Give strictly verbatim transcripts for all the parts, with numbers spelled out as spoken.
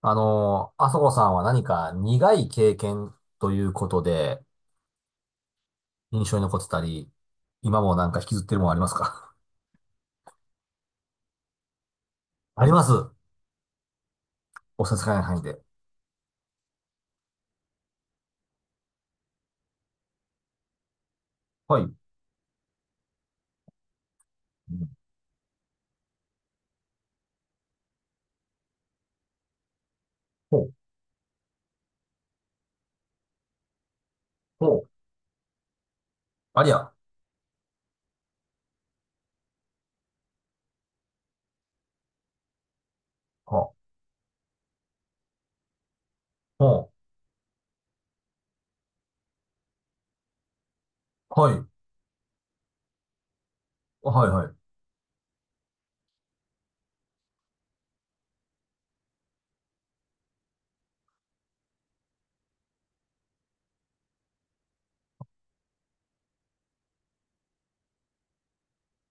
あの、あそこさんは何か苦い経験ということで印象に残ってたり、今もなんか引きずってるものありますか？ あります。お差し支えない範囲で。はい。うん。ほう、ほう、ありゃ。ほう、ほう、はい、はい、はい。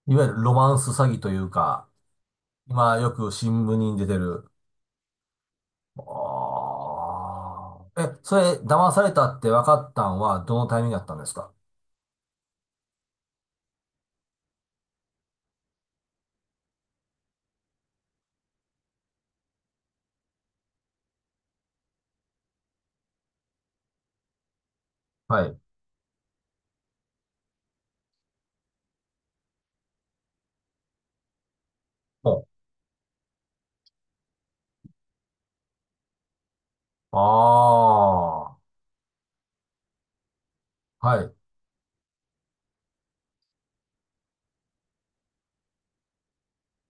いわゆるロマンス詐欺というか、今よく新聞に出てる。あーえ、それ騙されたって分かったんはどのタイミングだったんですか？はい。ほう。ああ、はい。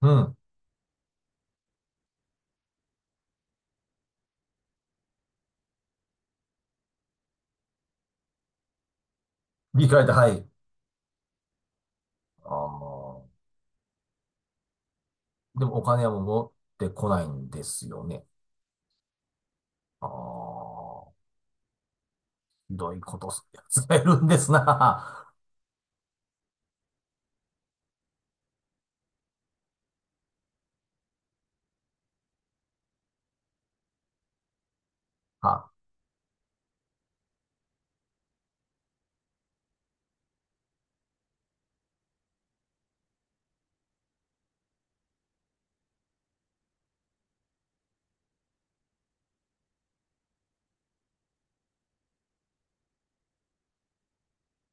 うん。理解だ、はい。ああ。でもお金はもう持ってこないんですよね。ああ。ひどいことするやつがいるんですな。は、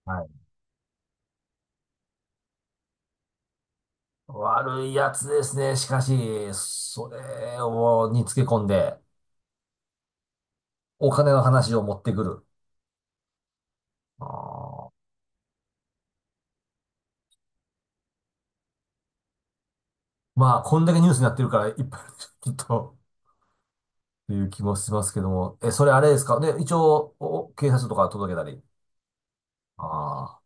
はい。悪いやつですね。しかし、それを、につけ込んで、お金の話を持ってくる。ああ。まあ、こんだけニュースになってるから、いっぱいあるきっと、という気もしますけども。え、それあれですかで、一応、お警察とか届けたり。あ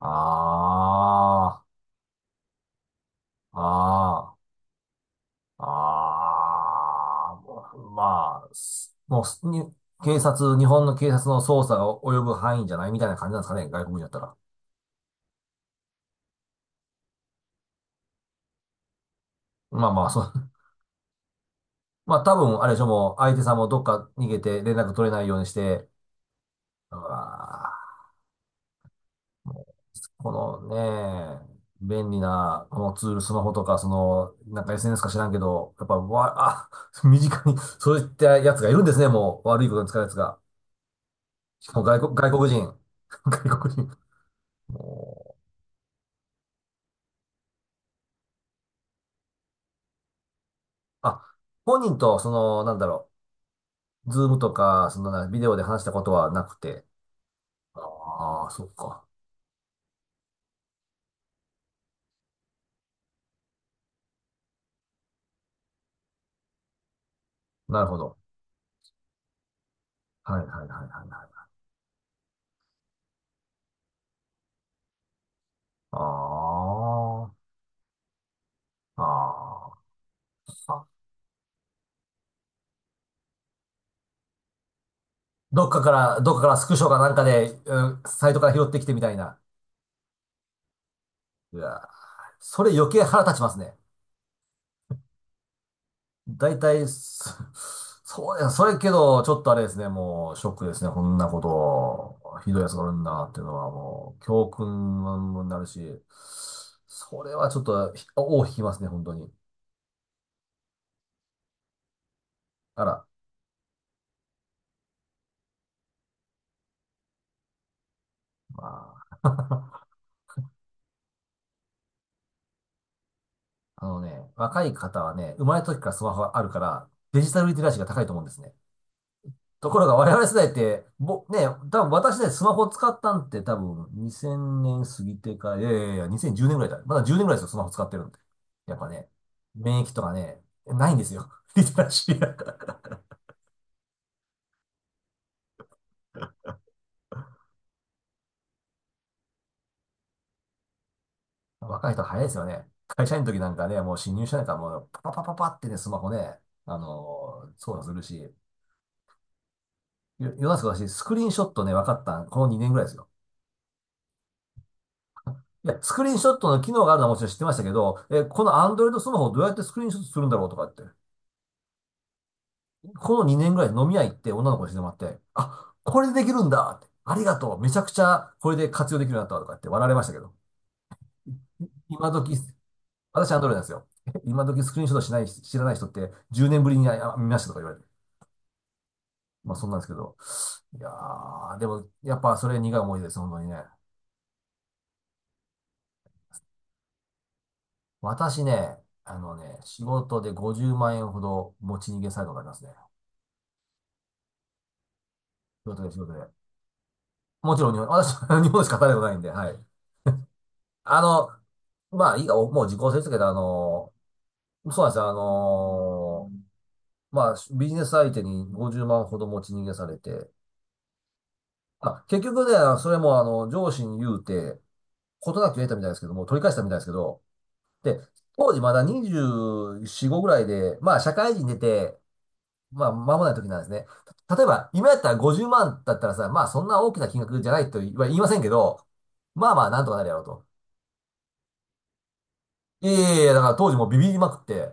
あ。ああ。ああ。ああ、もうまあ、すもうすに、警察、日本の警察の捜査が及ぶ範囲じゃないみたいな感じなんですかね、外国人だったら。まあまあ、そう。まあ多分、あれでしょ、もう相手さんもどっか逃げて連絡取れないようにして、うわー、このね、便利な、このツール、スマホとか、その、なんか エスエヌエス か知らんけど、やっぱ、わ、あ、身近に、そういったやつがいるんですね、もう。悪いことに使うやつが。しかも外国、外国人。外国人。もうあ、本人と、その、なんだろう、ズームとか、そのな、ビデオで話したことはなくて。ああ、そっか。なるほど。はい、はい、はい、はい、はい。ああ、あー、あ。どっかから、どっかからスクショかなんかで、うんサイトから拾ってきてみたいな。うわー、それ余計腹立ちますね。大体、そそうや、それけど、ちょっとあれですね、もう、ショックですね、こんなこと、ひどいやつがおるんだなっていうのは、もう、教訓になるし、それはちょっと、ひ尾を引きますね、本当に。あら、まあ、あのね、若い方はね、生まれた時からスマホがあるから、デジタルリテラシーが高いと思うんですね。ところが我々世代って、ぼ、ね、多分私ね、スマホ使ったんって多分にせんねん過ぎてから、いやいやいや、にせんじゅうねんぐらいだ。まだじゅうねんぐらいですよ、スマホ使ってるんで。やっぱね、免疫とかね、ないんですよ。リテラシーな、若い人早いですよね。会社員の時なんかね、もう新入社員からもうパパパパパってね、スマホね、あのー操作するし。よ世の中私、スクリーンショットね、分かったんこのにねんぐらいですよ。いや、スクリーンショットの機能があるのはもちろん知ってましたけど、え、この Android スマホをどうやってスクリーンショットするんだろうとかって。このにねんぐらい飲み屋行って女の子にしてもらって、あ、これでできるんだって、ありがとう、めちゃくちゃこれで活用できるようになったとかって笑われましたけど、今時、私アンドロイドなんですよ。今時スクリーンショットしない、知らない人ってじゅうねんぶりにあ見ましたとか言われて。まあそんなんですけど。いやー、でもやっぱそれ苦い思い出です、本当にね。私ね、あのね、仕事でごじゅうまん円ほど持ち逃げサイトがありますね。仕事で仕事で。もちろん日本、私、日本でしか働いたことないんで、はい。あの、まあいいか、もう時効ですけど、あの、そうなんですよ。あのーまあ、ビジネス相手にごじゅうまんほど持ち逃げされて、あ、結局ね、それもあの、上司に言うて、ことなく得たみたいですけども、取り返したみたいですけど、で、当時まだにじゅうよん、ごぐらいで、まあ、社会人出て、まあ、間もない時なんですね。た例えば、今やったらごじゅうまんだったらさ、まあ、そんな大きな金額じゃないとは言いませんけど、まあまあ、なんとかなるやろうと。いやいやいや、だから当時もうビビりまくって、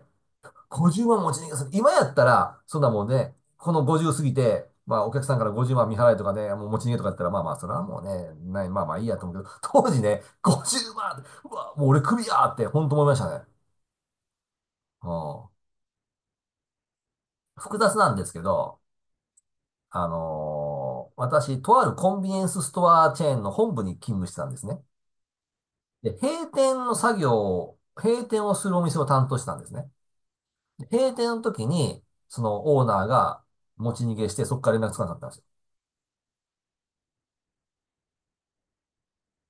ごじゅうまん持ち逃げする。今やったら、そんなもんね、このごじゅう過ぎて、まあお客さんからごじゅうまん見払いとかね、もう持ち逃げとかやったら、まあまあ、それはもうね、ない、まあまあいいやと思うけど、当時ね、50万うまんうわ、もう俺クビやーって、ほんと思いましたね。うん。複雑なんですけど、あのー私、とあるコンビニエンスストアチェーンの本部に勤務してたんですね。で、閉店の作業を、閉店をするお店を担当してたんですね。で閉店の時に、そのオーナーが持ち逃げして、そこから連絡つかなかったんですよ。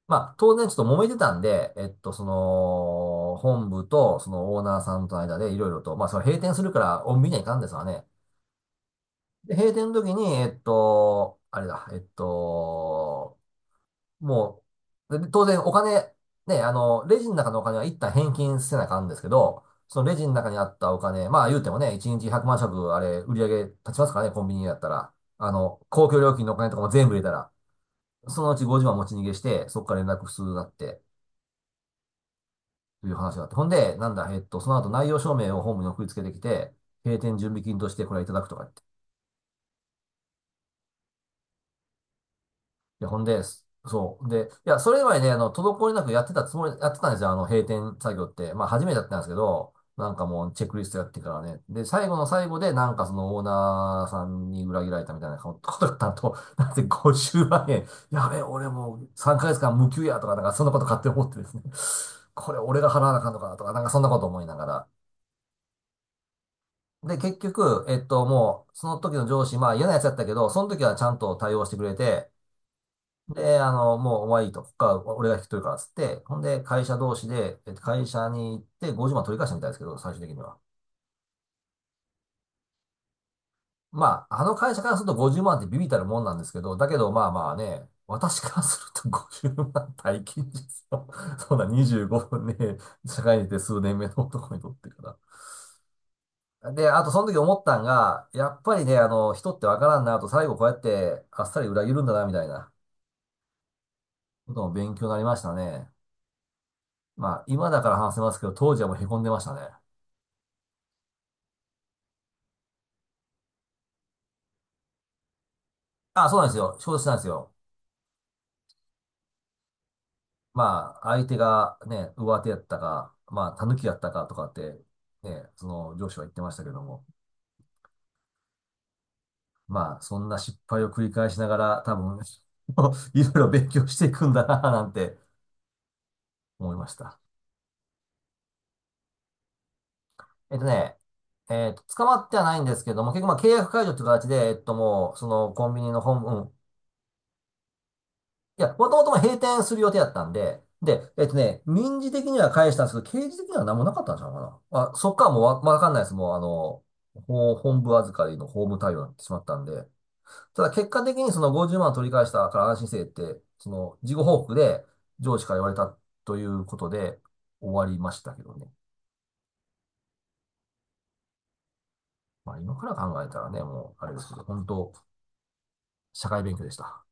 まあ、当然ちょっと揉めてたんで、えっと、その、本部と、そのオーナーさんとの間でいろいろと、まあ、それ閉店するから、お見にはいかんですわね。で、閉店の時に、えっと、あれだ、えっと、もう、で当然お金、ね、あの、レジの中のお金は一旦返金せなあかんですけど、そのレジの中にあったお金、まあ言うてもね、いちにちひゃくまん食、あれ、売り上げ立ちますからね、コンビニやったら。あの、公共料金のお金とかも全部入れたら、そのうちごじゅうまん持ち逃げして、そこから連絡するなって。という話があって。ほんで、なんだ、えっと、その後内容証明をホームに送りつけてきて、閉店準備金としてこれいただくとか言って。いや、ほんで、そう。で、いや、それ前ね、あの、滞りなくやってたつもり、やってたんですよ、あの、閉店作業って。まあ、初めてやってたんですけど、なんかもう、チェックリストやってからね。で、最後の最後で、なんかそのオーナーさんに裏切られたみたいなことだったと、なんてごじゅうまん円、やべえ、俺もうさんかげつかん無給やとか、なんかそんなこと勝手に思ってですね。これ俺が払わなあかんのかなとか、なんかそんなこと思いながら、で、結局、えっと、もう、その時の上司、まあ嫌なやつだったけど、その時はちゃんと対応してくれて、で、あの、もうお前いいと、ここから俺が引き取るからっつって、ほんで、会社同士で、えっと、会社に行ってごじゅうまん取り返したみたいですけど、最終的には。まあ、あの会社からするとごじゅうまんってビビったるもんなんですけど、だけどまあまあね、私からすると ごじゅうまん大金ですよ。そんなにじゅうごふんね、社会に出て数年目の男にとってから。で、あとその時思ったんが、やっぱりね、あの、人ってわからんなと、最後こうやってあっさり裏切るんだな、みたいなことも勉強になりましたね。まあ、今だから話せますけど、当時はもう凹んでましたね。あ、そうなんですよ。承知したんですよ。まあ、相手がね、上手やったか、まあ、狸やったかとかって、ね、その上司は言ってましたけども、まあ、そんな失敗を繰り返しながら、多分、いろいろ勉強していくんだな、なんて思いました。えっとね、えっと、捕まってはないんですけども、結局まあ契約解除って形で、えっともう、そのコンビニの本、うん。いや、もともとも閉店する予定だったんで、で、えっとね、民事的には返したんですけど、刑事的には何もなかったんちゃうかな。あ、そっからもうわ、わかんないです。もうあの、法本部預かりの法務対応になってしまったんで、ただ結果的にそのごじゅうまんを取り返したから安心せえって、その事後報告で上司から言われたということで終わりましたけどね。まあ今から考えたらね、もうあれですけど、本当社会勉強でした。